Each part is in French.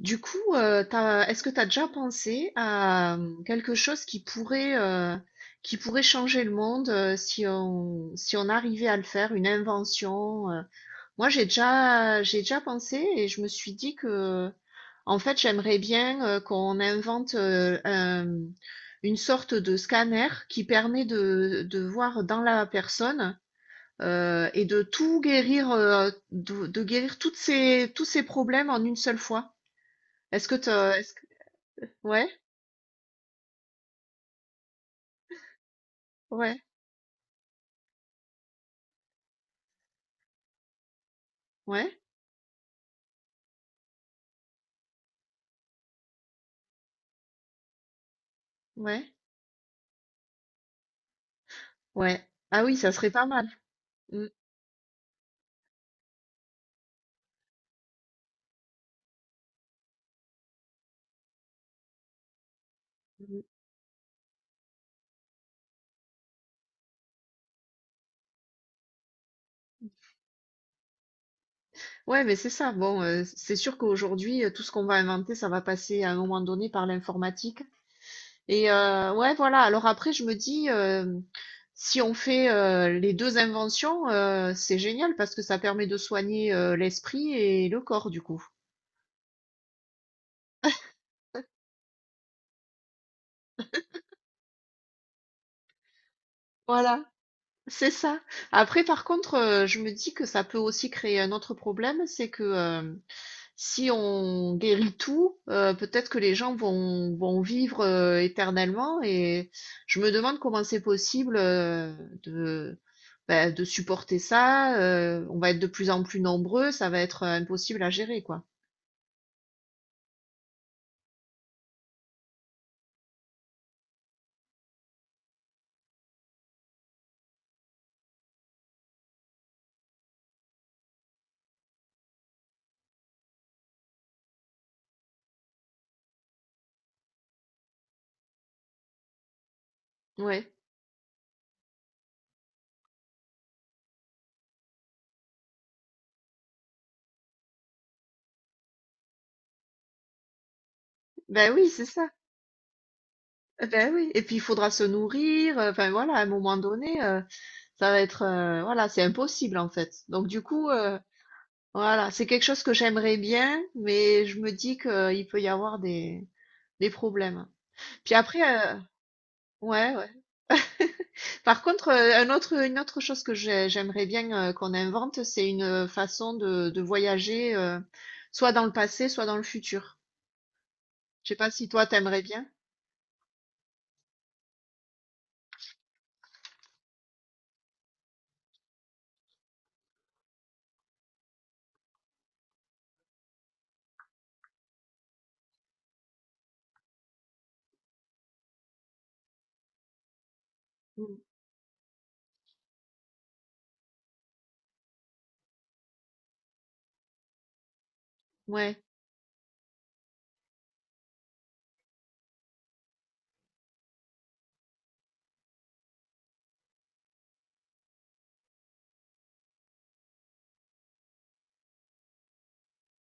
Du coup, est-ce que tu as déjà pensé à quelque chose qui pourrait changer le monde si on, si on arrivait à le faire, une invention? Moi, j'ai déjà pensé et je me suis dit que, en fait, j'aimerais bien qu'on invente une sorte de scanner qui permet de voir dans la personne et de tout guérir, de guérir tous ces problèmes en une seule fois. Est-ce que tu est-ce que Ouais, ouais, ouais, ouais, ouais. Ah oui, ça serait pas mal. Mm, mm. Ouais, mais c'est ça. Bon, c'est sûr qu'aujourd'hui, tout ce qu'on va inventer, ça va passer à un moment donné par l'informatique. Et ouais, voilà. Alors après, je me dis, si on fait les deux inventions, c'est génial parce que ça permet de soigner l'esprit et le corps, du coup. Voilà, c'est ça. Après, par contre, je me dis que ça peut aussi créer un autre problème, c'est que si on guérit tout, peut-être que les gens vont vivre éternellement et je me demande comment c'est possible de, ben, de supporter ça. On va être de plus en plus nombreux, ça va être impossible à gérer, quoi. Ouais. Ben oui, c'est ça. Ben oui. Et puis il faudra se nourrir. Enfin voilà, à un moment donné, ça va être, voilà, c'est impossible en fait. Donc du coup, voilà, c'est quelque chose que j'aimerais bien, mais je me dis qu'il peut y avoir des problèmes. Puis après, ouais, ouais. Par contre, un autre une autre chose que j'aimerais bien, qu'on invente, c'est une, façon de voyager, soit dans le passé, soit dans le futur. Je sais pas si toi, t'aimerais bien? Mmh. Ouais,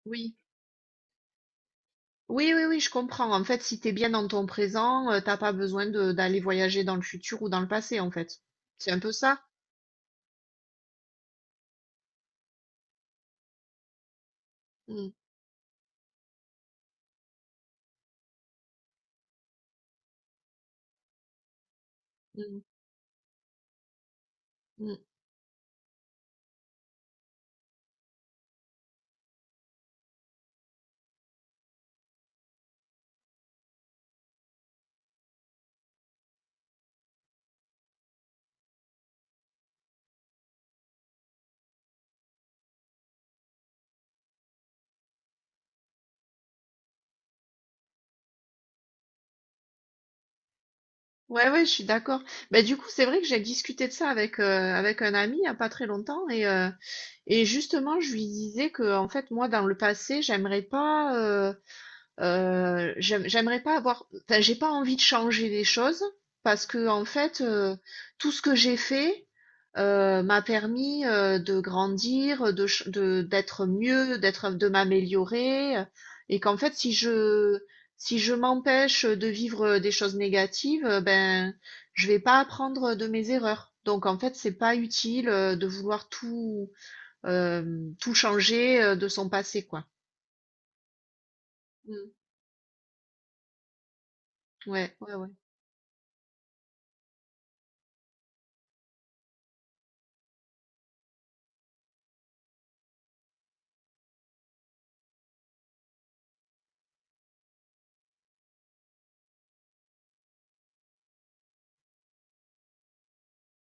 oui. Oui, oui, oui, je comprends. En fait, si t'es bien dans ton présent, tu pas besoin de d'aller voyager dans le futur ou dans le passé, en fait. C'est un peu ça? Mmh. Mmh mh. Mmh. Ouais, ouais, je suis d'accord. Ben du coup, c'est vrai que j'ai discuté de ça avec, avec un ami il y a pas très longtemps et et justement, je lui disais que, en fait, moi, dans le passé, j'aimerais pas avoir, enfin, j'ai pas envie de changer les choses parce que, en fait, tout ce que j'ai fait m'a permis de grandir, d'être mieux, d'être, de m'améliorer, et qu'en fait, si je m'empêche de vivre des choses négatives, ben, je vais pas apprendre de mes erreurs. Donc, en fait, c'est pas utile de vouloir tout changer, de son passé, quoi. Mmh. Ouais, ouais, ouais,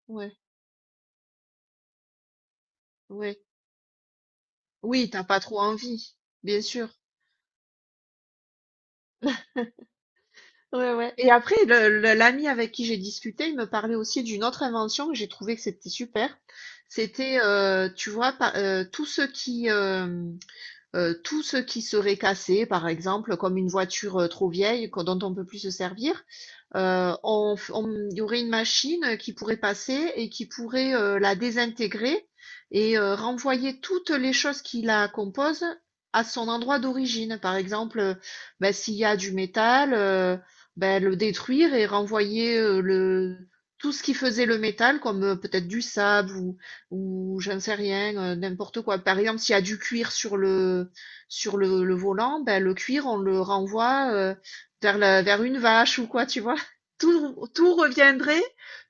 ouais, ouais. Oui, t'as pas trop envie, bien sûr. Ouais, ouais et après le l'ami avec qui j'ai discuté, il me parlait aussi d'une autre invention que j'ai trouvé que c'était super. C'était, tu vois, pa tous ceux qui, euh, tout ce qui serait cassé, par exemple, comme une voiture trop vieille dont on ne peut plus se servir, il y aurait une machine qui pourrait passer et qui pourrait la désintégrer et renvoyer toutes les choses qui la composent à son endroit d'origine. Par exemple, ben, s'il y a du métal, ben, le détruire et renvoyer tout ce qui faisait le métal, comme peut-être du sable ou j'en sais rien, n'importe quoi. Par exemple, s'il y a du cuir sur le volant, ben, le cuir, on le renvoie vers une vache ou quoi, tu vois. Tout, tout reviendrait,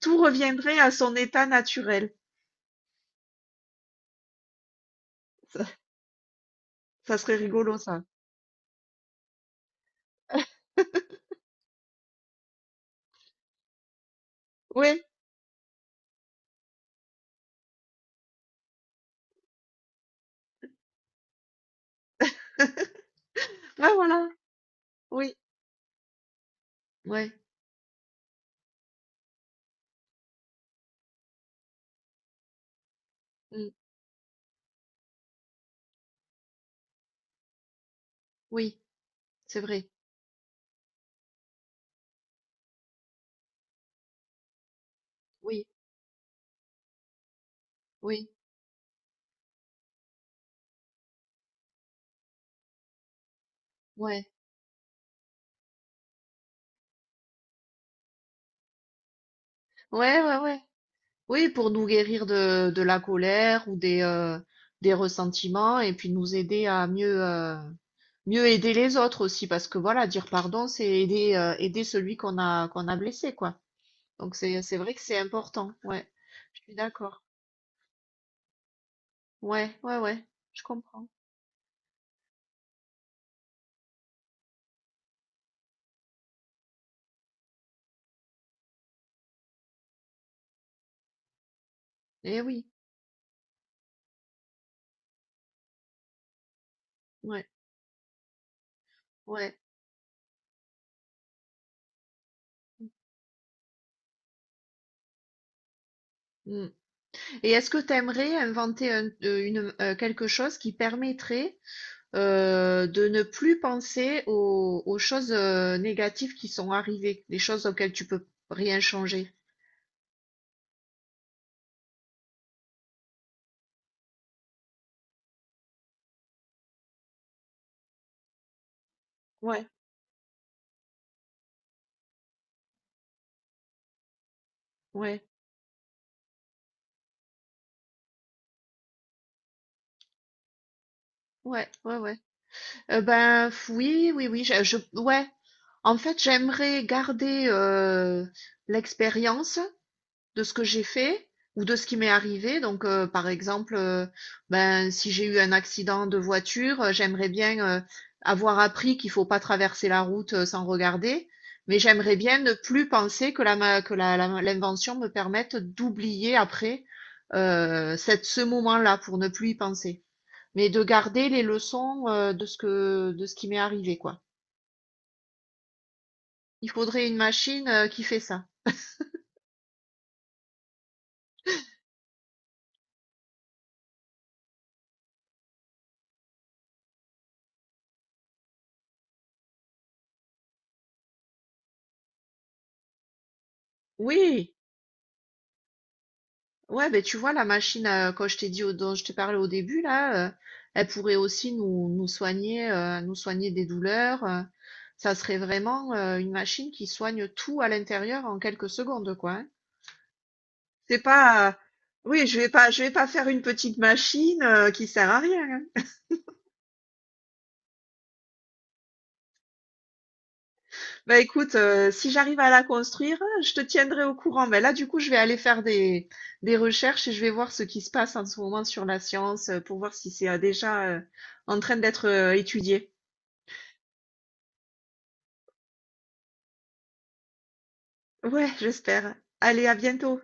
tout reviendrait à son état naturel. Ça, ça serait rigolo, ça. Oui. Ouais, voilà. Oui. Ouais. Mm. Oui. C'est vrai. Oui. Oui. Ouais. Ouais, ouais, ouais. Oui, pour nous guérir de la colère ou des ressentiments et puis nous aider à mieux, mieux aider les autres aussi parce que voilà, dire pardon, c'est aider, aider celui qu'on a blessé, quoi. Donc c'est vrai que c'est important, ouais. Je suis d'accord. Ouais, ouais, ouais, je comprends. Eh oui, ouais, ouais. Mm. Et est-ce que tu aimerais inventer une, quelque chose qui permettrait de ne plus penser aux choses négatives qui sont arrivées, les choses auxquelles tu peux rien changer? Ouais, ouais, ouais, ouais, ouais. Ben, f oui, oui, oui, je ouais. En fait, j'aimerais garder, l'expérience de ce que j'ai fait ou de ce qui m'est arrivé. Donc, par exemple, ben, si j'ai eu un accident de voiture, j'aimerais bien, avoir appris qu'il faut pas traverser la route, sans regarder. Mais j'aimerais bien ne plus penser que la ma que la la l'invention me permette d'oublier après, cette ce moment-là pour ne plus y penser. Mais de garder les leçons, de ce qui m'est arrivé, quoi. Il faudrait une machine, qui fait ça. Oui, ouais, ben tu vois la machine, quand je t'ai dit au dont je t'ai parlé au début là, elle pourrait aussi nous soigner des douleurs, ça serait vraiment, une machine qui soigne tout à l'intérieur en quelques secondes, quoi, hein. C'est pas, oui, je vais pas faire une petite machine, qui sert à rien, hein. Bah écoute, si j'arrive à la construire, je te tiendrai au courant. Mais là, du coup, je vais aller faire des recherches et je vais voir ce qui se passe en ce moment sur la science pour voir si c'est déjà en train d'être étudié. Ouais, j'espère. Allez, à bientôt.